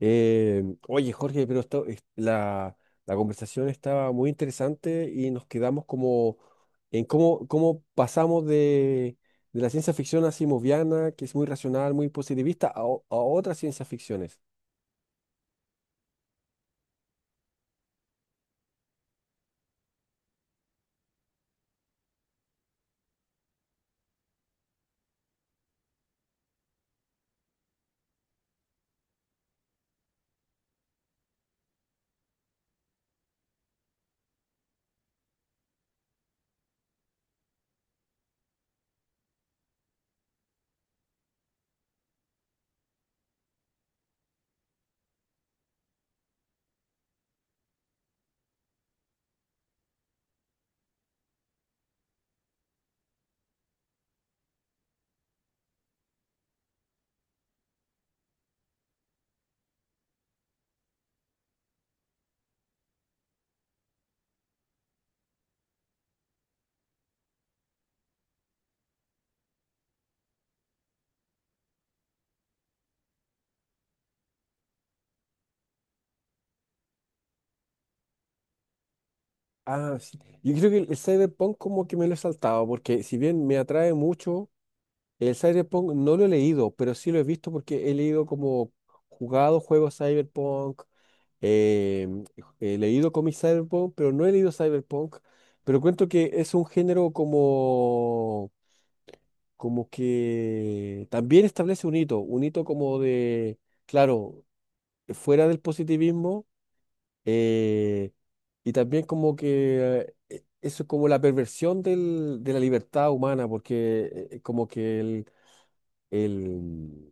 Eh, oye, Jorge, pero la, la conversación estaba muy interesante y nos quedamos como en cómo pasamos de la ciencia ficción asimoviana, que es muy racional, muy positivista, a otras ciencias ficciones. Ah, sí. Yo creo que el cyberpunk como que me lo he saltado, porque si bien me atrae mucho el cyberpunk. No lo he leído, pero sí lo he visto porque he leído como jugado juegos Cyberpunk, eh, he leído cómics Cyberpunk, pero no he leído Cyberpunk. Pero cuento que es un género como que también establece un hito como claro, fuera del positivismo, eh, y también como que eso es como la perversión de la libertad humana, porque como que el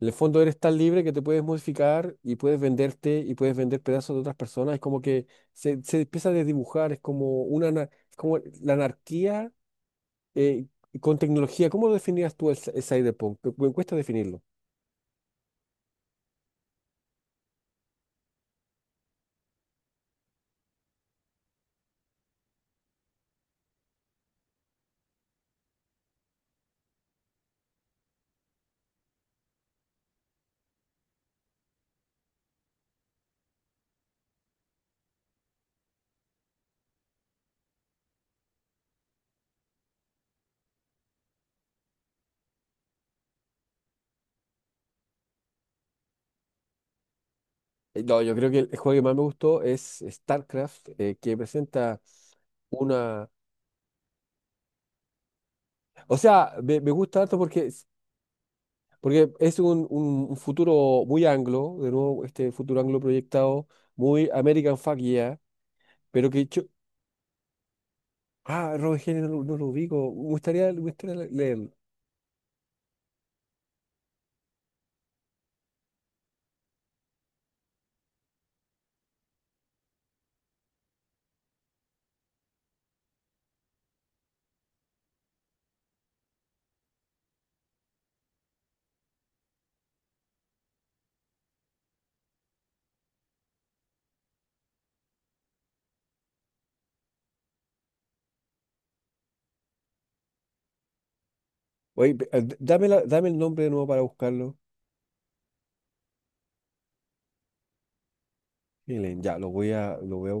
en el fondo eres tan libre que te puedes modificar y puedes venderte y puedes vender pedazos de otras personas. Es como que se empieza a desdibujar, es como es como la anarquía eh, con tecnología. ¿Cómo lo definirías tú el cyberpunk? Me cuesta definirlo. No, yo creo que el juego que más me gustó es StarCraft, que presenta una... O sea, me gusta harto porque, porque es un futuro muy anglo, de nuevo, este futuro anglo proyectado, muy American fuck yeah, pero ah, Robert Heinlein no, lo no lo ubico. Me gustaría leerlo. Dame, dame el nombre de nuevo para buscarlo. Heinlein, ya, lo voy a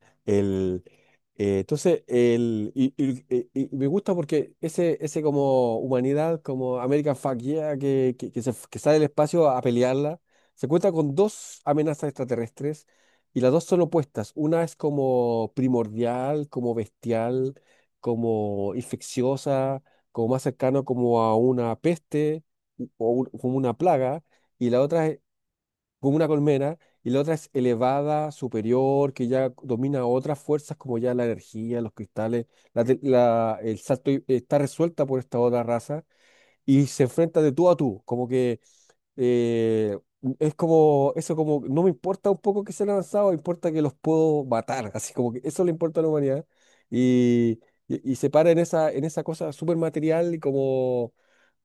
buscar. Entonces, el, y me gusta porque ese como humanidad, como American Fuck Yeah, que que sale del espacio a pelearla, se cuenta con dos amenazas extraterrestres y las dos son opuestas. Una es como primordial, como bestial, como infecciosa, como más cercano como a una peste como una plaga, y la otra como una colmena, y la otra es elevada, superior, que ya domina otras fuerzas como ya la energía, los cristales, el salto está resuelta por esta otra raza y se enfrenta de tú a tú, como que eh, es como, eso como, no me importa un poco que sean avanzados, me importa que los puedo matar, así como que eso le importa a la humanidad. Y, y se para en esa cosa súper material y como,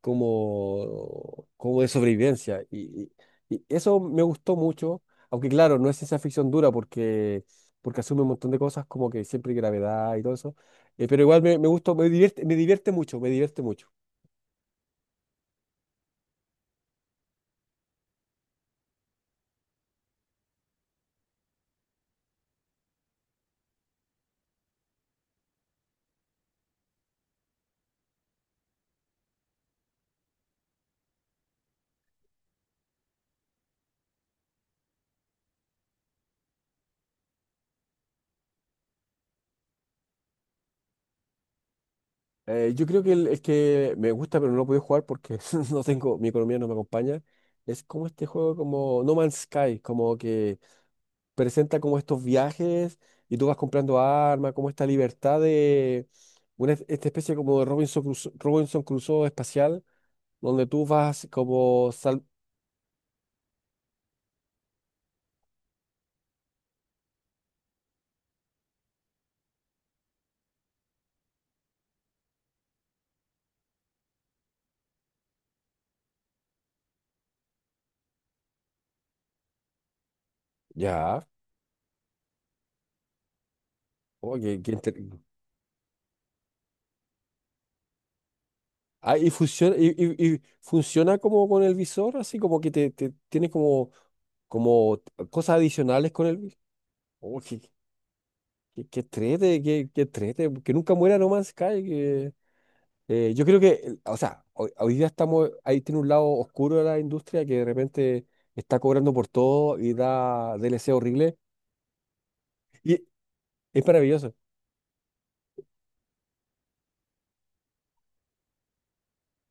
como de sobrevivencia. Y eso me gustó mucho, aunque claro, no es ciencia ficción dura porque, porque asume un montón de cosas como que siempre hay gravedad y todo eso. Pero igual me gustó, me divierte mucho, me divierte mucho. Yo creo que el que me gusta pero no lo puedo jugar porque no tengo, mi economía no me acompaña, es como este juego como No Man's Sky, como que presenta como estos viajes y tú vas comprando armas, como esta libertad de esta especie como de Robinson Crusoe, Robinson Crusoe espacial, donde tú vas como sal... Ya, oye, qué qué inter- Ah, y funciona, y funciona como con el visor, así como que te tiene como, como cosas adicionales con el... visor. Que trete, que trete, que nunca muera No Man's Sky. Que, yo creo o sea, hoy día estamos, ahí tiene un lado oscuro de la industria que de repente está cobrando por todo y da DLC horrible. Y es maravilloso.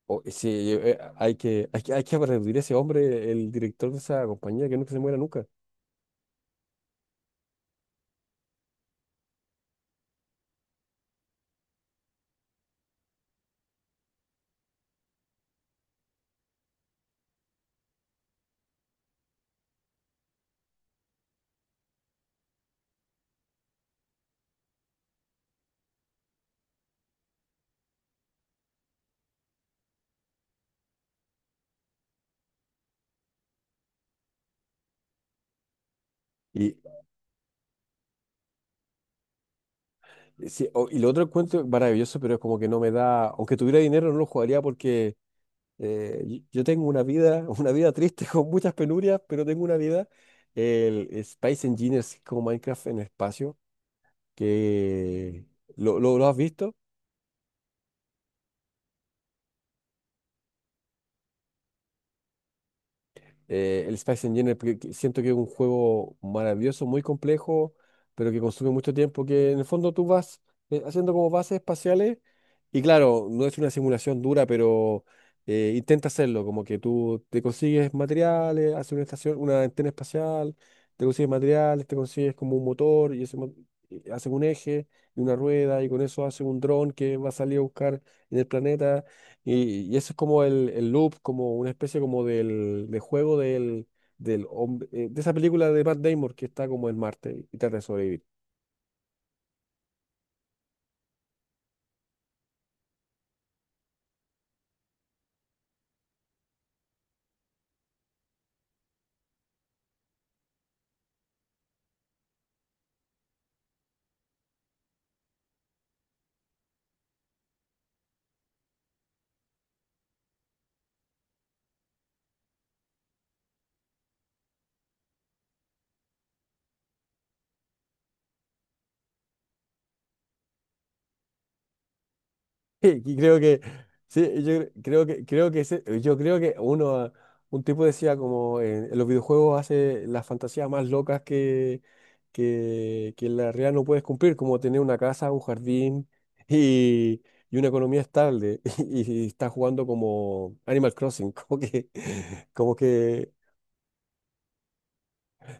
O- sí, hay que aplaudir a ese hombre, el director de esa compañía, que nunca se muera nunca. Y, sí, o- y lo otro encuentro maravilloso, pero es como que no me da, aunque tuviera dinero, no lo jugaría porque yo tengo una vida, una vida triste con muchas penurias, pero tengo una vida. El Space Engineers es como Minecraft en espacio, que lo has visto. El Space Engineer porque siento que es un juego maravilloso, muy complejo, pero que consume mucho tiempo, que en el fondo tú vas haciendo como bases espaciales y claro, no es una simulación dura, pero intenta hacerlo, como que tú te consigues materiales, haces una estación, una antena espacial, te consigues materiales, te consigues como un motor y y hacen un eje y una rueda y con eso hacen un dron que va a salir a buscar en el planeta y eso es como el loop, como una especie como de juego del hombre, de esa película de Matt Damon que está como en Marte y trata de sobrevivir. Y creo que, sí, creo creo que yo creo que uno, ah, un tipo decía como en los videojuegos hace las fantasías más locas que en la realidad no puedes cumplir, como tener una casa, un jardín y, y una economía estable. Y, y está jugando como Animal Crossing, como como que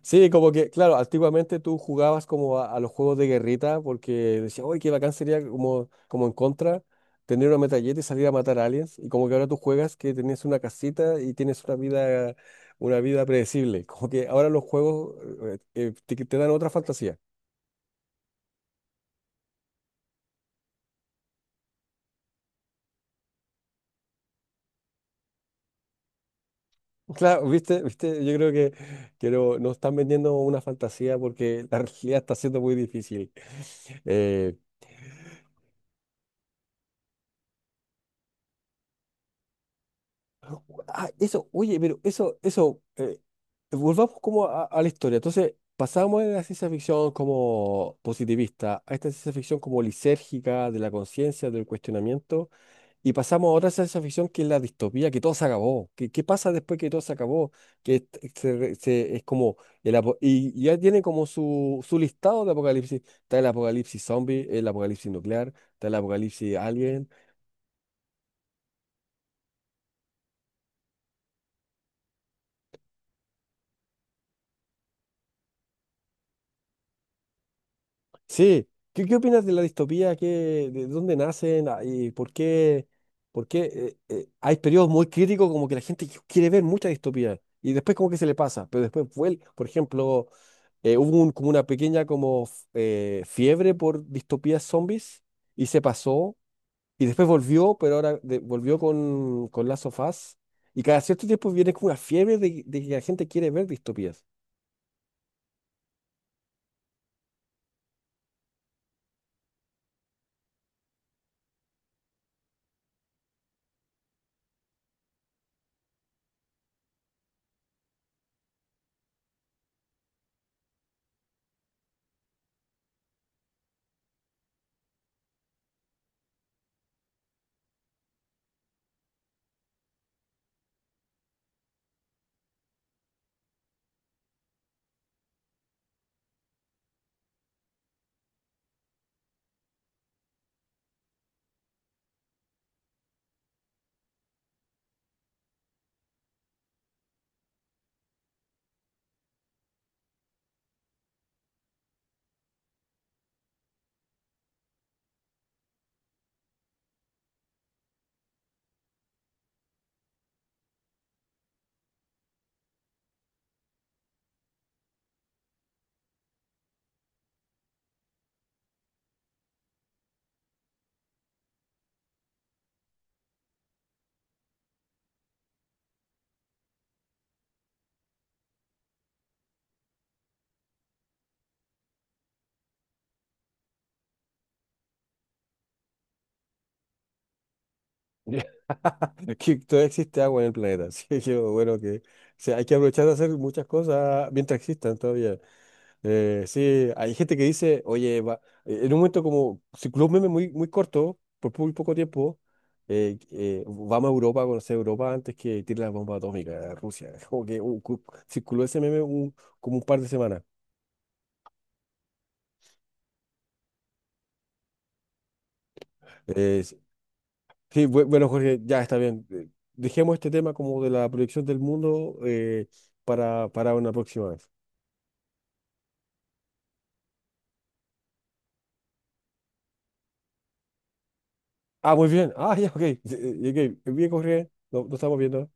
sí, como que, claro, antiguamente tú jugabas como a los juegos de guerrita porque decías, uy, qué bacán sería como, como en contra tener una metralleta y salir a matar aliens. Y como que ahora tú juegas que tenías una casita y tienes una vida predecible. Como que ahora los juegos te dan otra fantasía. Claro, viste, viste, yo creo que no, nos están vendiendo una fantasía porque la realidad está siendo muy difícil. Eh, Ah, oye, pero volvamos como a la historia. Entonces, pasamos de la ciencia ficción como positivista a esta ciencia ficción como lisérgica, de la conciencia, del cuestionamiento, y pasamos a otra ciencia ficción que es la distopía, que todo se acabó. ¿Qué, qué pasa después que todo se acabó? Que est- se re- se- es como, y ya tiene como su listado de apocalipsis. Está el apocalipsis zombie, el apocalipsis nuclear, está el apocalipsis alien. Sí, ¿qué, qué opinas de la distopía? ¿Qué, de dónde nacen? Ah, ¿y por qué hay periodos muy críticos como que la gente quiere ver mucha distopía y después como que se le pasa, pero después vuelve, por ejemplo, hubo como una pequeña como fiebre por distopías zombies y se pasó y después volvió, pero ahora volvió con Last of Us y cada cierto tiempo viene como una fiebre de que la gente quiere ver distopías. Es que todavía existe agua en el planeta, así que bueno que o sea, hay que aprovechar de hacer muchas cosas mientras existan todavía. Sí, hay gente que dice, oye, va, en un momento como circuló un meme muy, muy corto, por muy poco tiempo, vamos a Europa, a conocer Europa antes que tire la bomba atómica a Rusia. Como que circuló ese meme como un par de semanas. Eh, sí, bueno, Jorge, ya está bien. Dejemos este tema como de la proyección del mundo para una próxima vez. Ah, muy bien. Ah, ya, ok. Llegué. Bien, Jorge. No, no estamos viendo.